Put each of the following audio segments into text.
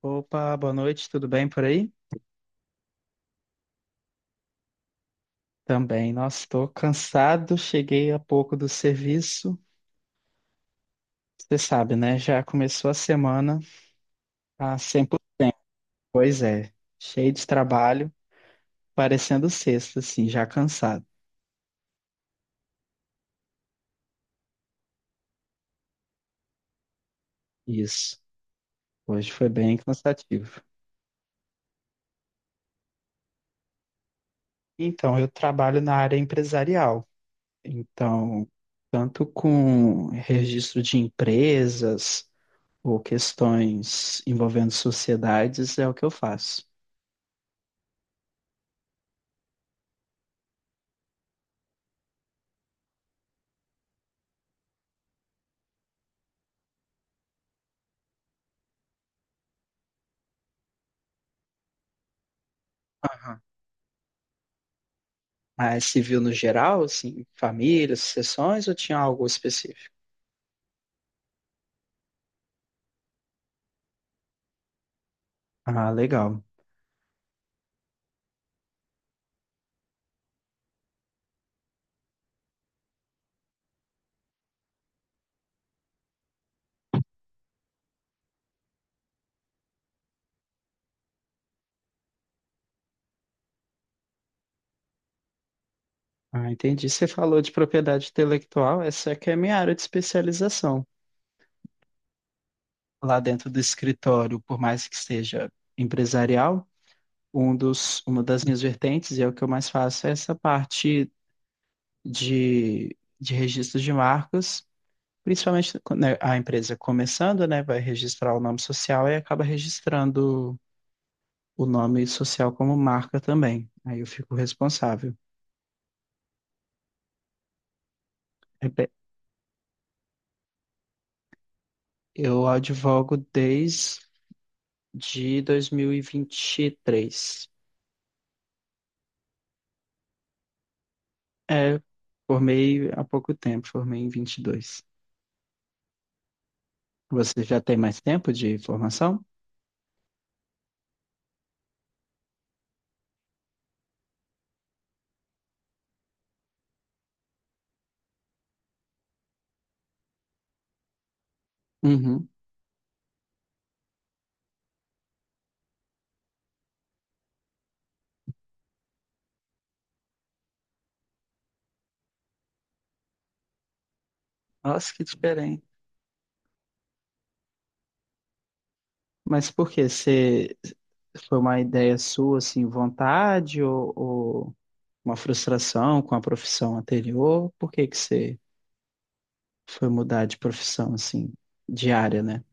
Opa, boa noite, tudo bem por aí? Também, nossa, estou cansado, cheguei há pouco do serviço. Você sabe, né? Já começou a semana, tá sempre, pois é, cheio de trabalho, parecendo sexta, assim, já cansado. Isso, hoje foi bem cansativo. Então, eu trabalho na área empresarial, então, tanto com registro de empresas ou questões envolvendo sociedades, é o que eu faço. Mas se viu no geral, assim, famílias, sucessões, ou tinha algo específico? Ah, legal. Ah, entendi. Você falou de propriedade intelectual, essa é que é a minha área de especialização. Lá dentro do escritório, por mais que seja empresarial, uma das minhas vertentes, e é o que eu mais faço, é essa parte de registro de marcas, principalmente quando né, a empresa começando, né, vai registrar o nome social e acaba registrando o nome social como marca também. Aí eu fico responsável. É pe- Eu advogo desde 2023. É, formei há pouco tempo, formei em 22. Você já tem mais tempo de formação? Uhum. Nossa, que diferente. Mas por quê? Você foi uma ideia sua, assim, vontade ou uma frustração com a profissão anterior? Por que que você foi mudar de profissão, assim, de área, né?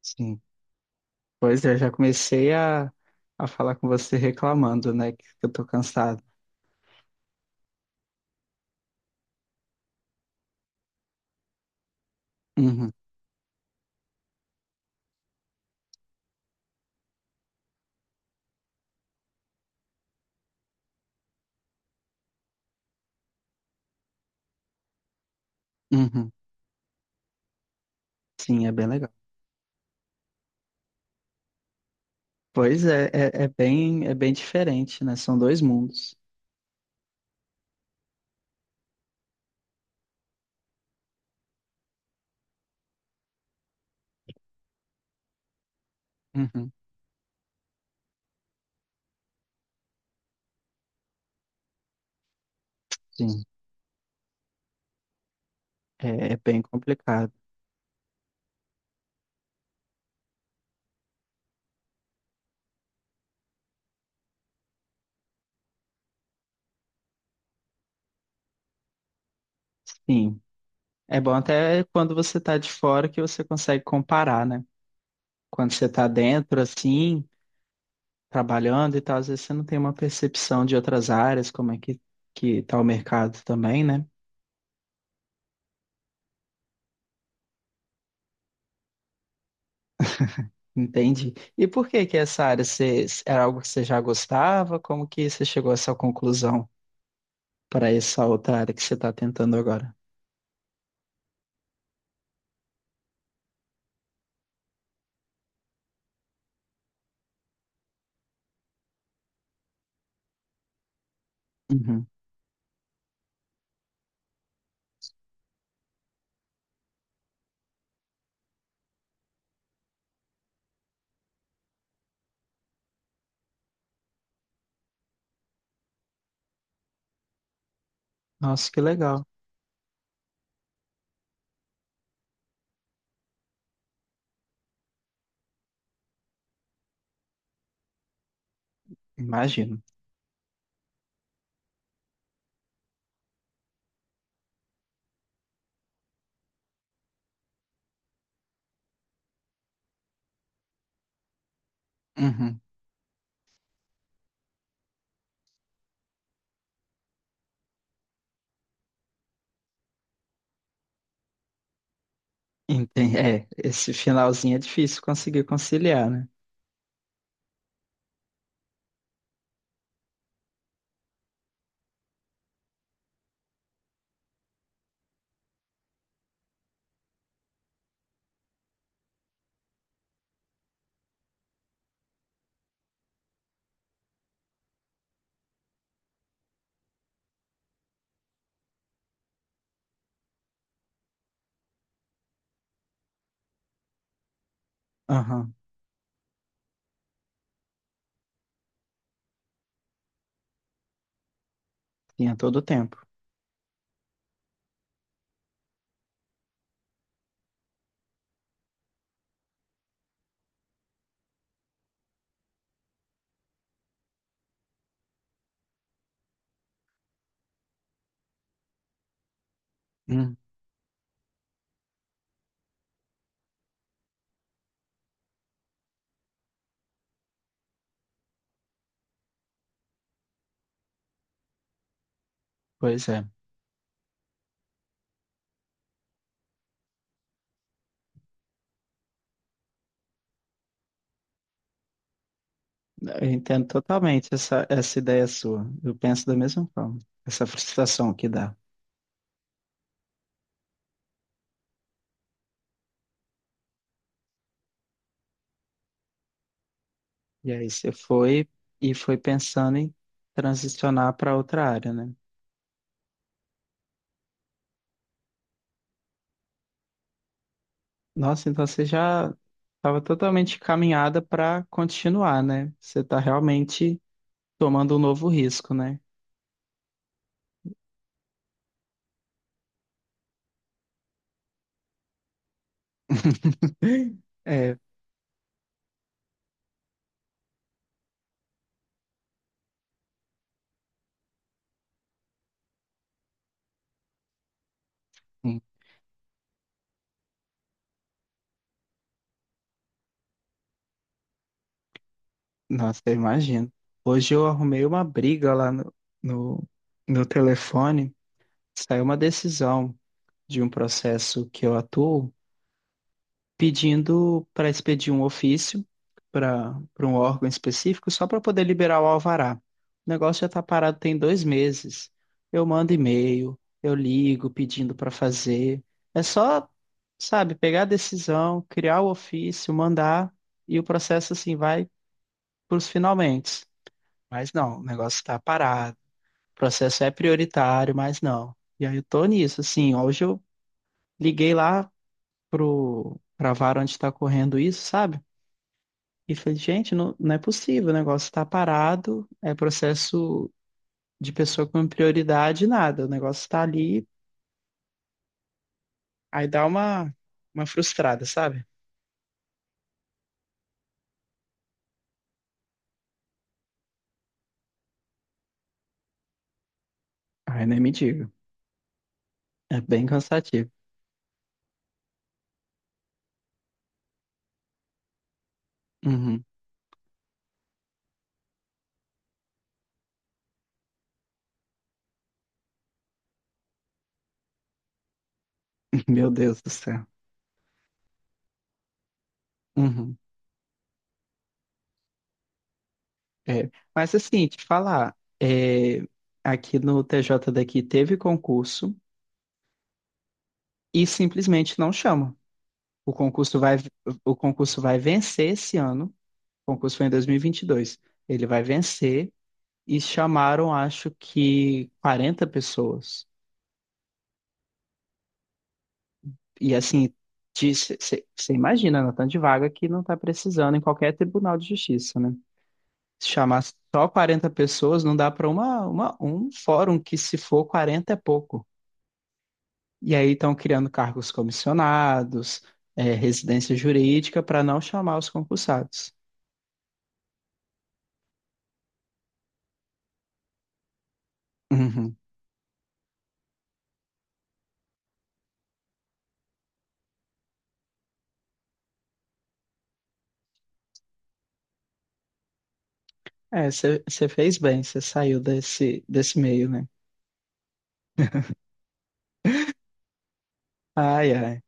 Sim. Pois é, eu já comecei a falar com você reclamando, né, que eu tô cansado. Uhum, uhum. Sim, é bem legal. Pois é, é bem, é bem diferente, né? São dois mundos. Uhum, sim, é, é bem complicado. Sim, é bom até quando você tá de fora que você consegue comparar, né? Quando você tá dentro, assim, trabalhando e tal, às vezes você não tem uma percepção de outras áreas, como é que tá o mercado também, né? Entendi. E por que que essa área você, era algo que você já gostava? Como que você chegou a essa conclusão para essa outra área que você está tentando agora? Uhum. Nossa, que legal. Imagino. Uhum. Entendi. É, esse finalzinho é difícil conseguir conciliar, né? Aham. Tinha todo o tempo. Hum. Pois é. Eu entendo totalmente essa ideia sua. Eu penso da mesma forma. Essa frustração que dá. E aí você foi e foi pensando em transicionar para outra área, né? Nossa, então você já estava totalmente caminhada para continuar, né? Você está realmente tomando um novo risco, né? É, hum, nossa, eu imagino. Hoje eu arrumei uma briga lá no, no telefone, saiu uma decisão de um processo que eu atuo, pedindo para expedir um ofício para um órgão específico só para poder liberar o alvará. O negócio já está parado tem 2 meses. Eu mando e-mail, eu ligo pedindo para fazer. É só, sabe, pegar a decisão, criar o ofício, mandar e o processo assim vai para os finalmente. Mas não, o negócio está parado. O processo é prioritário, mas não. E aí eu tô nisso, assim, hoje eu liguei lá pro para a vara onde está correndo isso, sabe? E falei, gente, não, não é possível, o negócio está parado, é processo de pessoa com prioridade, nada, o negócio está ali, aí dá uma frustrada, sabe? Ai, nem me diga, é bem cansativo. Uhum. Meu Deus do céu. Uhum. É. Mas assim, te falar, é, aqui no TJ daqui teve concurso e simplesmente não chama. O concurso vai, o concurso vai vencer esse ano, o concurso foi em 2022, ele vai vencer e chamaram, acho que 40 pessoas. E assim, você imagina, na tanto de vaga que não está precisando em qualquer tribunal de justiça, né? Se chamar só 40 pessoas, não dá para um fórum que, se for 40 é pouco. E aí estão criando cargos comissionados, é, residência jurídica, para não chamar os concursados. Uhum. É, você fez bem, você saiu desse meio, né? Ai, ai.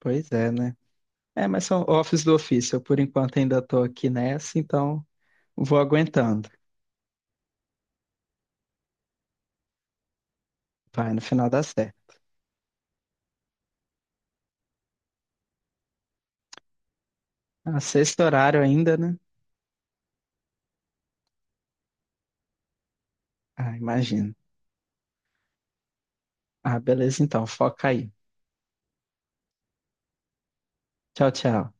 Pois é, né? É, mas são office do ofício. Eu, por enquanto, ainda estou aqui nessa, então vou aguentando. Vai, no final dá certo. Ah, sexto horário ainda, né? Ah, imagino. Ah, beleza, então. Foca aí. Tchau, tchau.